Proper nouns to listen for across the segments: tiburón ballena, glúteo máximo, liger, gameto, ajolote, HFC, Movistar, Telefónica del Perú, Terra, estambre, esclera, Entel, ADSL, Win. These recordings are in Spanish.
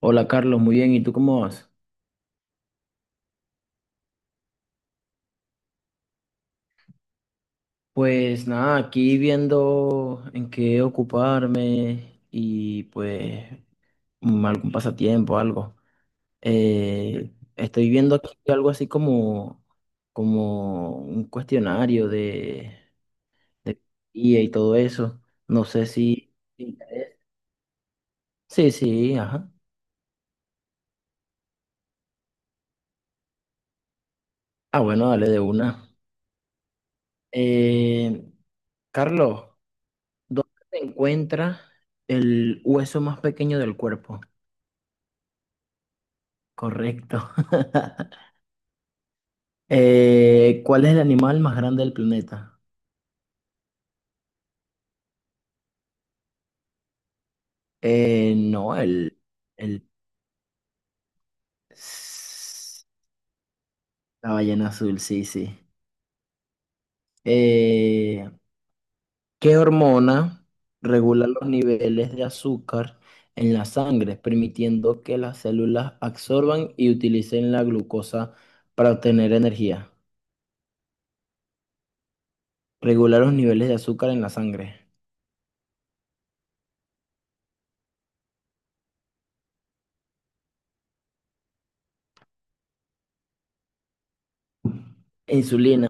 Hola Carlos, muy bien, ¿y tú cómo vas? Pues nada, aquí viendo en qué ocuparme y pues algún pasatiempo, algo. Estoy viendo aquí algo así como un cuestionario de guía y todo eso. No sé si te interesa. Sí, sí, ajá. Ah, bueno, dale de una. Eh, Carlos, ¿dónde se encuentra el hueso más pequeño del cuerpo? Correcto. ¿Cuál es el animal más grande del planeta? No, el, la ballena azul, sí, sí. Eh, ¿qué hormona regula los niveles de azúcar en la sangre, permitiendo que las células absorban y utilicen la glucosa para obtener energía? Regular los niveles de azúcar en la sangre. Insulina.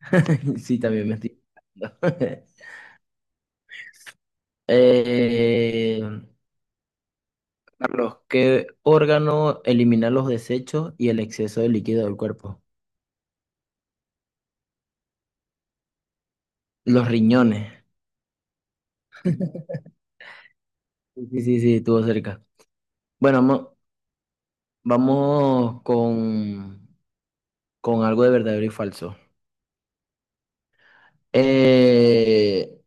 Sí, también me estoy equivocando. Eh, Carlos, ¿qué órgano elimina los desechos y el exceso de líquido del cuerpo? Los riñones. Sí, sí, sí, sí, estuvo cerca. Bueno, vamos con algo de verdadero y falso. Eh,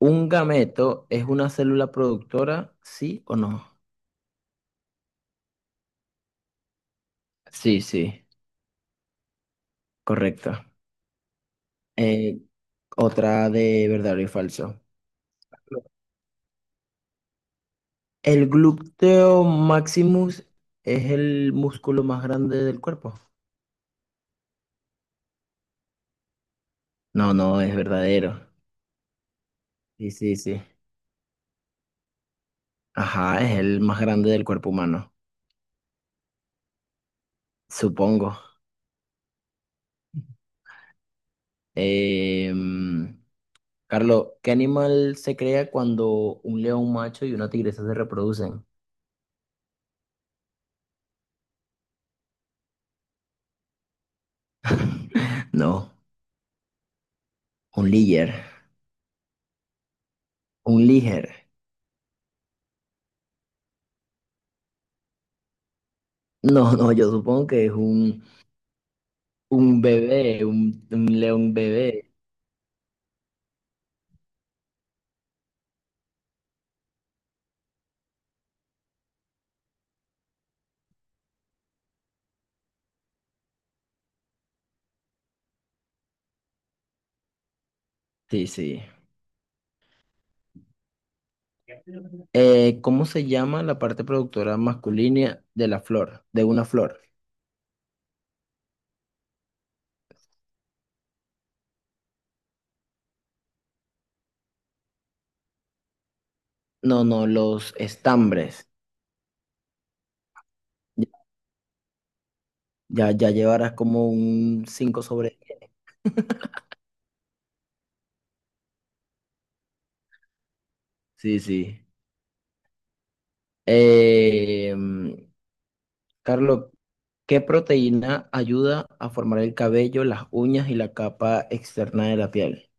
¿un gameto es una célula productora, sí o no? Sí, sí, correcto. Eh, otra de verdadero y falso. ¿El glúteo maximus es el músculo más grande del cuerpo? No, no, es verdadero. Sí, sí, sí. Ajá, es el más grande del cuerpo humano, supongo. Em, Carlos, ¿qué animal se crea cuando un león macho y una tigresa se reproducen? No, un liger. Un liger. No, no, yo supongo que es un bebé, un león bebé. Sí, sí. ¿Cómo se llama la parte productora masculina de la flor, de una flor? No, no, los estambres. Ya, ya, ya llevarás como un cinco sobre 10. Sí, sí. Eh, mm, Carlos, ¿qué proteína ayuda a formar el cabello, las uñas y la capa externa de la piel?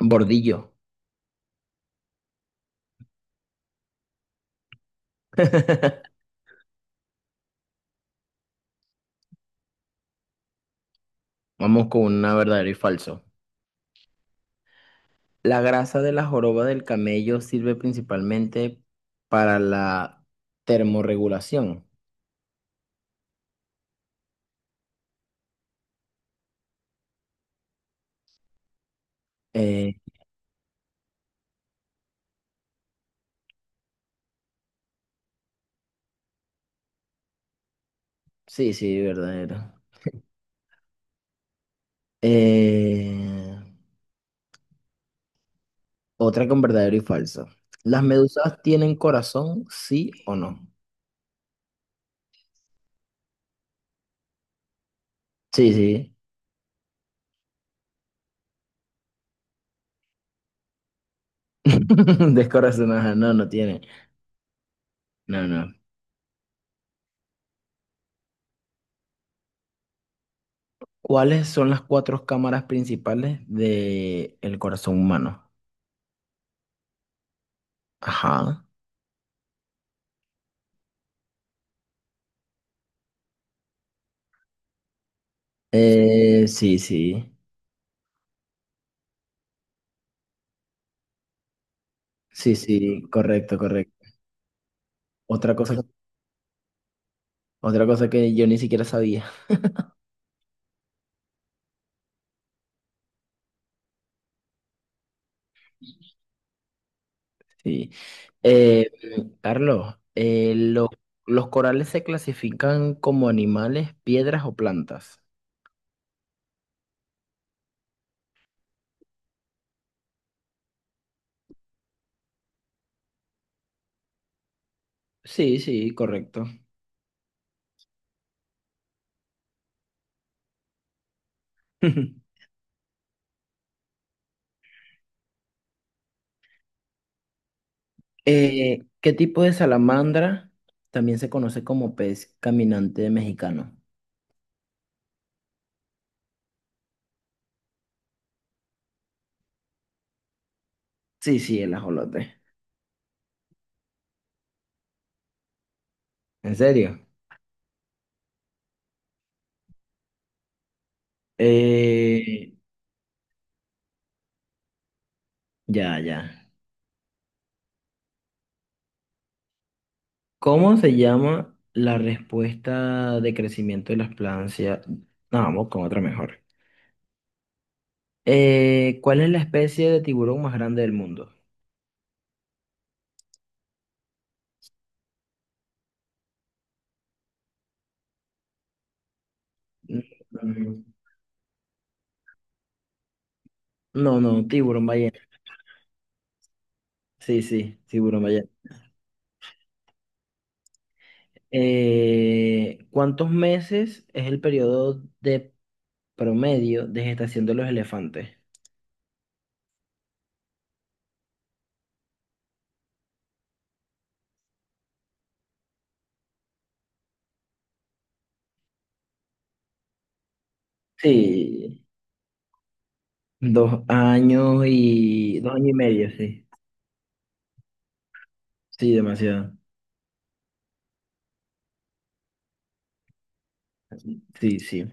Bordillo. Vamos con una verdadero y falso. La grasa de la joroba del camello sirve principalmente para la termorregulación. Eh, sí, sí, verdadero. Eh, Otra con verdadero y falso. ¿Las medusas tienen corazón, sí o no? Sí, sí. Descorazonadas. No, no tiene. No, no. ¿Cuáles son las cuatro cámaras principales del corazón humano? Ajá. Sí, sí. Sí, sí. Correcto, correcto. Otra cosa, otra cosa que yo ni siquiera sabía. Sí. Eh, Carlos, ¿Los corales se clasifican como animales, piedras o plantas? Sí, sí, correcto. ¿Qué tipo de salamandra también se conoce como pez caminante mexicano? Sí, sí, el ajolote. ¿En serio? Eh, ya, ya. ¿Cómo se llama la respuesta de crecimiento de las plantas? No, vamos con otra mejor. ¿Cuál es la especie de tiburón más grande del mundo? Mm, No, no, tiburón ballena. Sí, sí, tiburón ballena. ¿Cuántos meses es el periodo de promedio de gestación de los elefantes? Sí, 2 años y 2 años y medio, sí. Sí, demasiado. Sí, sí.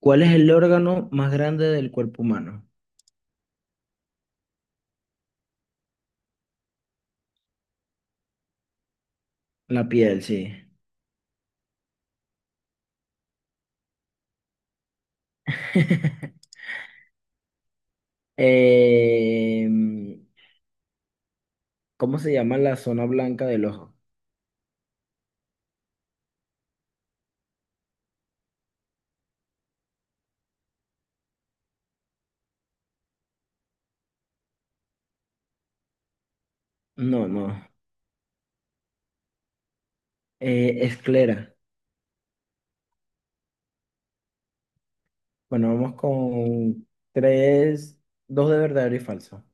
¿Cuál es el órgano más grande del cuerpo humano? La piel, sí. Em, ¿cómo se llama la zona blanca del ojo? No, no. Esclera. Bueno, vamos con tres, dos de verdadero y falso.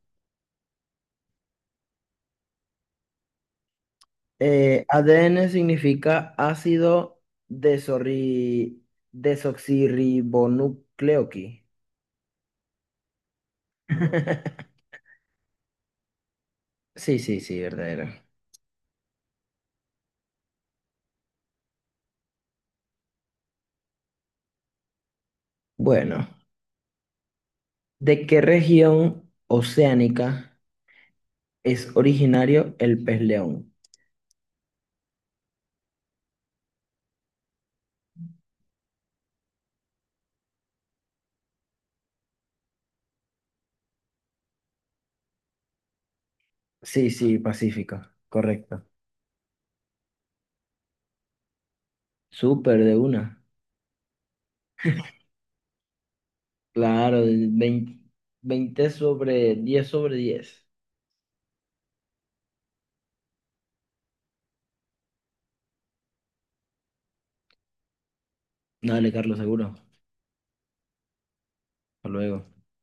ADN significa ácido desorri- desoxirribonucleoqui. Sí, sí, sí, verdadero. Bueno, ¿de qué región oceánica es originario el pez león? Sí, sí, Pacífico, correcto. Súper de una. Claro, el veinte 20 sobre 10 sobre 10. Dale, Carlos, seguro. Hasta luego.